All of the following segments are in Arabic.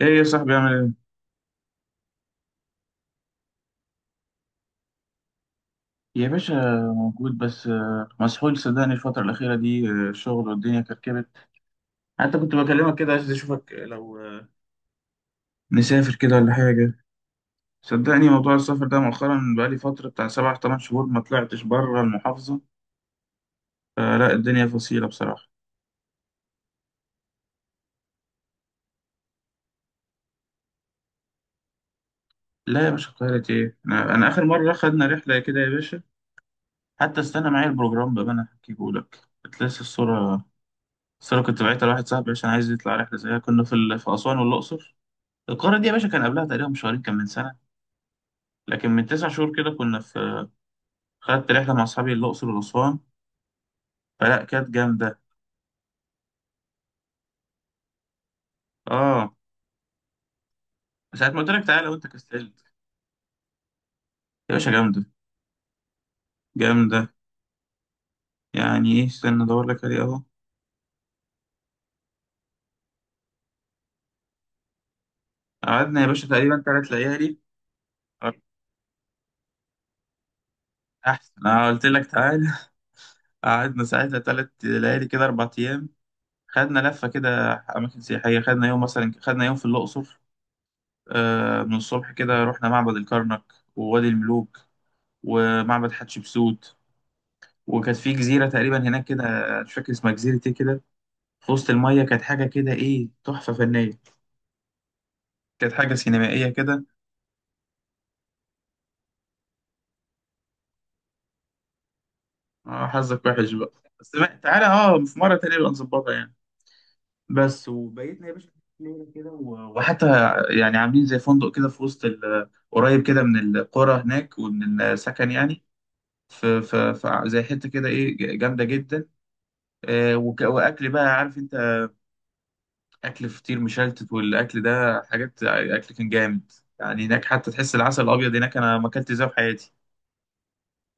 ايه يا صاحبي، عامل ايه؟ يا باشا موجود، بس مسحول صدقني الفترة الأخيرة دي، شغل والدنيا كركبت. حتى كنت بكلمك كده عايز أشوفك لو نسافر كده ولا حاجة. صدقني موضوع السفر ده مؤخرا بقالي فترة بتاع 7 8 شهور ما طلعتش بره المحافظة، فلا الدنيا فصيلة بصراحة. لا يا باشا، القاهرة ايه؟ أنا آخر مرة خدنا رحلة كده يا باشا، حتى استنى معايا البروجرام بقى أنا هحكيه لك. كنت لسه الصورة، الصورة كنت بعتها لواحد صاحبي عشان عايز يطلع رحلة زيها. كنا في في أسوان والأقصر. القارة دي يا باشا كان قبلها تقريبا بشهرين، كان من سنة، لكن من 9 شهور كده كنا في، خدت رحلة مع أصحابي الأقصر وأسوان، فلا كانت جامدة. اه، ساعة ما قلت لك تعالى وأنت كسلت. يا باشا جامدة، جامدة. يعني إيه، استنى أدور لك عليه أهو. قعدنا يا باشا تقريبا 3 ليالي. أحسن أنا قلت لك تعالى. قعدنا ساعتها 3 ليالي كده، 4 أيام. خدنا لفة كده، أماكن سياحية. خدنا يوم مثلا، خدنا يوم في الأقصر، من الصبح كده رحنا معبد الكرنك ووادي الملوك ومعبد حتشبسوت. وكانت في جزيرة تقريبا هناك كده، مش فاكر اسمها جزيرة ايه كده، في وسط المية، كانت حاجة كده ايه، تحفة فنية، كانت حاجة سينمائية كده. اه حظك وحش بقى. بس تعالى، اه، في مرة تانية نبقى نظبطها يعني. بس وبيتنا يا باشا ليلة كده، وحتى يعني عاملين زي فندق كده في وسط قريب كده من القرى هناك ومن السكن يعني. في زي حتة كده ايه، جامدة جدا. واكل بقى عارف انت، اكل فطير مشلتت والاكل ده، حاجات اكل كان جامد. يعني هناك حتى تحس العسل الابيض هناك انا ما اكلت زيه في حياتي.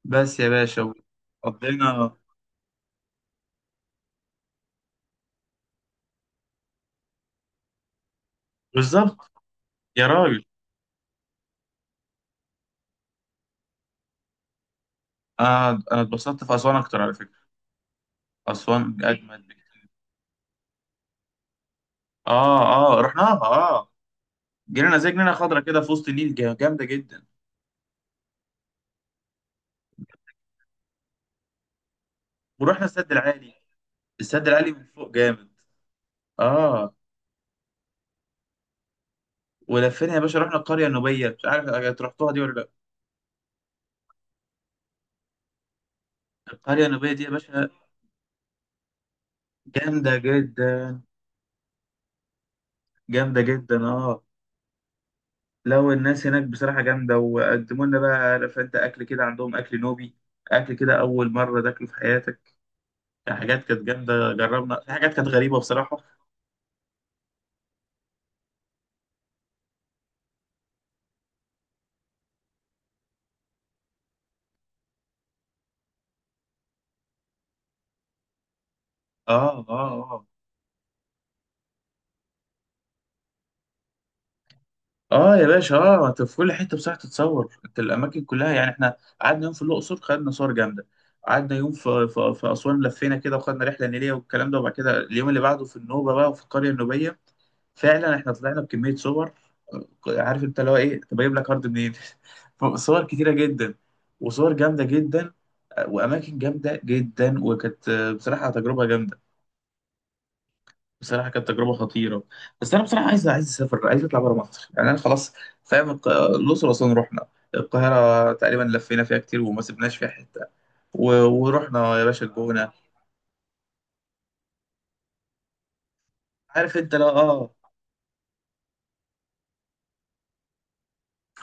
بس يا باشا قضينا. بالظبط. يا راجل. انا اتبسطت في اسوان اكتر على فكره. اسوان اجمد بكتير. اه اه، رحناها اه. جينا زي جنينه خضرا كده في وسط النيل، جامده جدا. ورحنا السد العالي، السد العالي من فوق جامد. اه. ولفينا يا باشا، رحنا القريه النوبيه، مش عارف أنت رحتوها دي ولا لا. القريه النوبيه دي يا باشا جامده جدا، جامده جدا اه. لو الناس هناك بصراحة جامدة، وقدموا لنا بقى عارف انت أكل كده، عندهم أكل نوبي، أكل كده أول مرة تاكله في حياتك. حاجات كانت جامدة، جربنا في حاجات كانت غريبة بصراحة. آه آه آه. آه يا باشا، أنت في كل حتة بصراحة تتصور أنت الأماكن كلها. يعني إحنا قعدنا يوم في الأقصر، خدنا صور جامدة. قعدنا يوم في أسوان، لفينا كده وخدنا رحلة نيلية والكلام ده، وبعد كده اليوم اللي بعده في النوبة بقى وفي القرية النوبية. فعلا احنا طلعنا بكميه صور، عارف انت اللي هو ايه، طب اجيب لك هارد منين؟ صور كتيره جدا، وصور جامده جدا، واماكن جامده جدا. وكانت بصراحه تجربه جامده، بصراحه كانت تجربه خطيره. بس انا بصراحه عايز اسافر، عايز اطلع بره مصر يعني، انا خلاص فاهم. الاقصر واسوان رحنا، القاهره تقريبا لفينا فيها كتير وما سبناش فيها حته، ورحنا يا باشا الجونه، عارف انت. لا اه،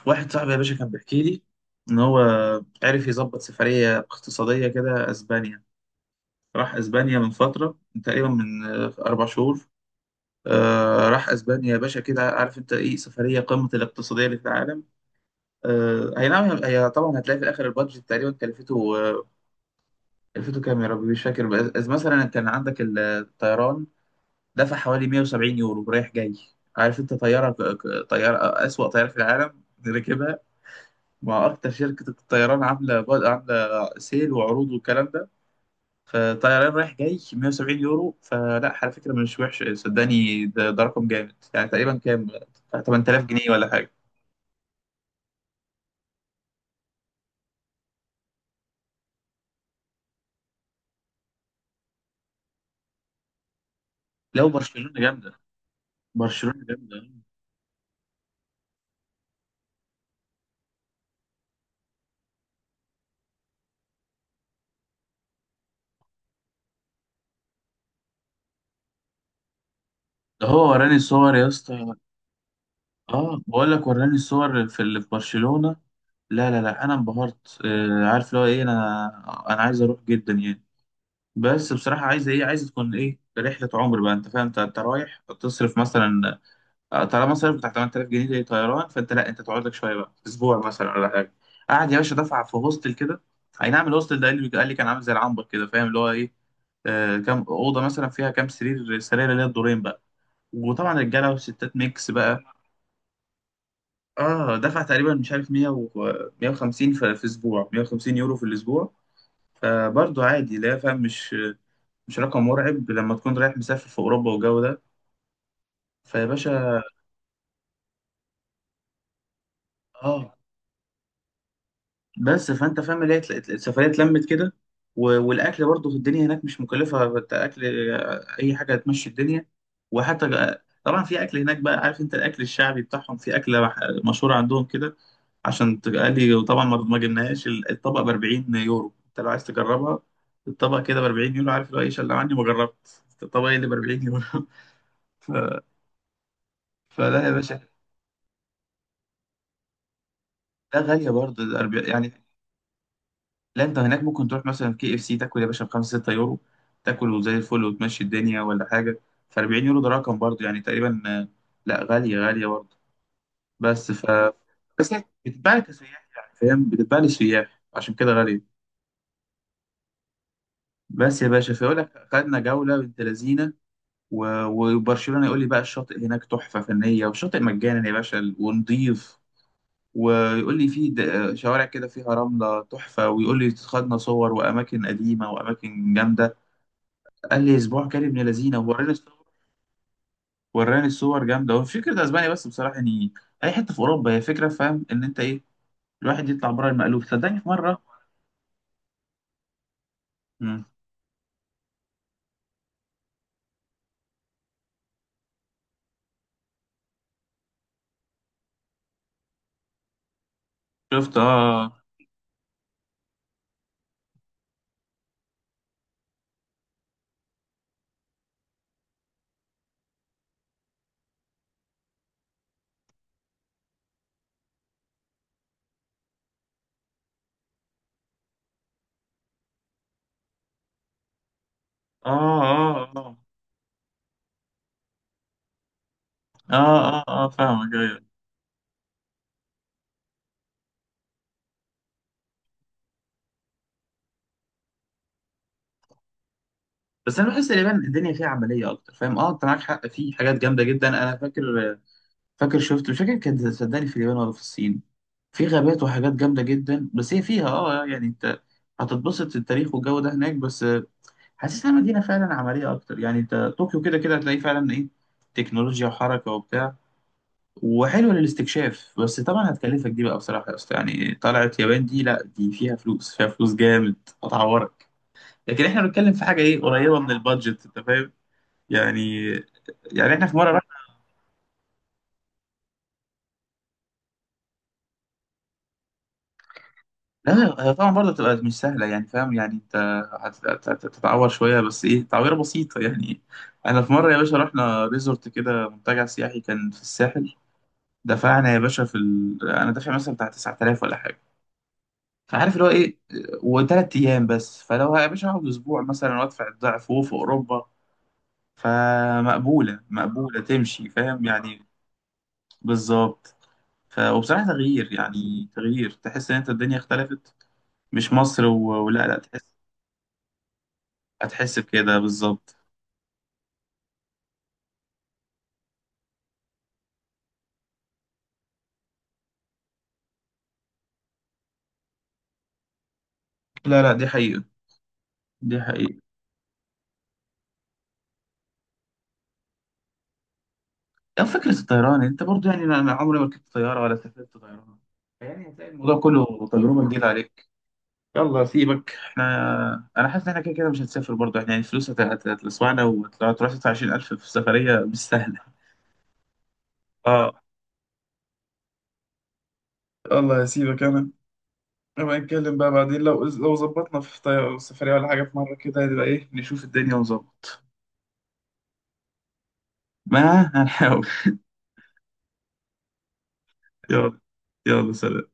واحد صاحبي يا باشا كان بيحكي لي ان هو عرف يظبط سفريه اقتصاديه كده اسبانيا. راح اسبانيا من فتره، من تقريبا من 4 شهور. راح اسبانيا يا باشا كده، عارف انت ايه، سفريه قمه الاقتصاديه اللي في العالم. اي نعم. هي طبعا هتلاقي في الاخر البادجت تقريبا كلفته كام يا ربي، مش فاكر. بس مثلا كان عندك الطيران، دفع حوالي 170 يورو رايح جاي. عارف انت، طياره، اسوأ طياره في العالم ركبها. ما اكتر شركه الطيران عامله سيل وعروض والكلام ده. فطيران رايح جاي 170 يورو، فلا على فكره مش وحش، صدقني ده رقم جامد، يعني تقريبا كام، 8000 جنيه ولا حاجه. لو برشلونه جامده، برشلونه جامده. ده هو وراني صور يا اسطى. اه بقول لك وراني الصور في، اللي في برشلونه. لا لا لا انا انبهرت، عارف اللي هو ايه، انا انا عايز اروح جدا يعني. بس بصراحه عايز ايه، عايز تكون ايه، رحله عمر بقى انت فاهم. أنت رايح تصرف مثلا طالما صرف بتاع 8000 جنيه طيران، فانت لا، انت تقعد لك شويه بقى اسبوع مثلا ولا حاجه. قعد يا باشا دفع في هوستل كده. اي نعم الهوستل ده، قال لي كان عامل زي العنبر كده، فاهم اللي هو ايه. كام اوضه مثلا فيها كام سرير اللي هي الدورين بقى، وطبعا رجاله وستات ميكس بقى. اه دفع تقريبا مش عارف 100 و 150 في في اسبوع، 150 يورو في الاسبوع. فبرضه عادي لا فاهم، مش رقم مرعب لما تكون رايح مسافر في اوروبا والجو ده. فيا باشا اه، بس فانت فاهم، اللي هي السفريه اتلمت كده. والاكل برضو في الدنيا هناك مش مكلفه، اكل اي حاجه هتمشي الدنيا. وحتى طبعا في اكل هناك بقى، عارف انت، الاكل الشعبي بتاعهم، في اكله مشهوره عندهم كده، عشان تقلي. وطبعا ما جبناهاش، الطبق ب 40 يورو، انت لو عايز تجربها الطبق كده ب 40 يورو، عارف، لو ايه، شلة عني ما جربت الطبق اللي ب 40 يورو. ف... فلا يا باشا، ده غاليه برضه. لا انت هناك ممكن تروح مثلا كي اف سي، تاكل يا باشا بخمسة ستة يورو، تاكل وزي الفل وتمشي الدنيا ولا حاجة. فأربعين يورو ده رقم برضه يعني، تقريبا لا غالية، غالية برضه. بس ف بس هي بتتباع كسياح يعني، فاهم بتتباع للسياح عشان كده غالية. بس يا باشا، فيقول لك خدنا جولة بنت لذينة. و- وبرشلونة يقول لي بقى الشاطئ هناك تحفة فنية، والشاطئ مجانا يا باشا ونضيف. ويقول لي في شوارع كده فيها رملة تحفة، ويقول لي خدنا صور وأماكن قديمة وأماكن جامدة. قال لي اسبوع كان ابن لذينه، ووراني الصور، وراني الصور جامده. هو فكره اسبانيا بس بصراحه يعني، اي حته في اوروبا هي فكره، فاهم ان انت ايه، الواحد يطلع بره المألوف صدقني في مره. مم. شفت اه اه. اه اه. اه، آه، آه فاهمك، ايوه. بس انا بحس اليابان الدنيا فيها عمليه اكتر، فاهم، اه انت معاك حق، في حاجات جامده جدا. انا فاكر شفت، مش فاكر كانت صدقني في اليابان ولا في الصين، في غابات وحاجات جامده جدا. بس هي فيها يعني انت هتتبسط، التاريخ والجو ده هناك. بس حاسسها مدينة فعلا عملية أكتر يعني. أنت طوكيو كده كده هتلاقي فعلا إيه، تكنولوجيا وحركة وبتاع، وحلوة للاستكشاف. بس طبعا هتكلفك دي بقى بصراحة يا أسطى، يعني طلعت يابان دي لأ، دي فيها فلوس، فيها فلوس جامد، هتعورك. لكن إحنا بنتكلم في حاجة إيه، قريبة من البادجت أنت فاهم يعني، يعني إحنا في مرة رحنا. لا هي طبعا برضه هتبقى مش سهلة يعني فاهم، يعني أنت هتتعور شوية، بس إيه، تعويرة بسيطة يعني. أنا في مرة يا باشا رحنا ريزورت كده، منتجع سياحي كان في الساحل. دفعنا يا باشا في انا دافع مثلا بتاع 9000 ولا حاجه، فعارف اللي هو ايه، وثلاث ايام بس. فلو يا باشا هقعد اسبوع مثلا وادفع الضعف وهو في اوروبا، فمقبوله مقبوله، تمشي فاهم يعني. بالظبط. وبصراحه تغيير، يعني تغيير تحس ان انت الدنيا اختلفت، مش مصر ولا لا تحس. هتحس بكده بالظبط. لا لا دي حقيقه، دي حقيقه. يعني فكره الطيران انت برضو يعني، أنا عمري ما ركبت طياره ولا سافرت طيران، يعني هتلاقي الموضوع كله تجربه جديده عليك. يلا سيبك، احنا انا حاسس ان احنا كده كده مش هنسافر برضه، احنا يعني الفلوس هتلسوعنا وهتروح تدفع 20000 في سفرية مش سهلة. اه يلا سيبك انا، نبقى نتكلم بقى بعدين لو ظبطنا في سفرية ولا حاجة، في مرة كده نبقى ايه، نشوف الدنيا ونظبط. ما هنحاول. يلا، يلا سلام.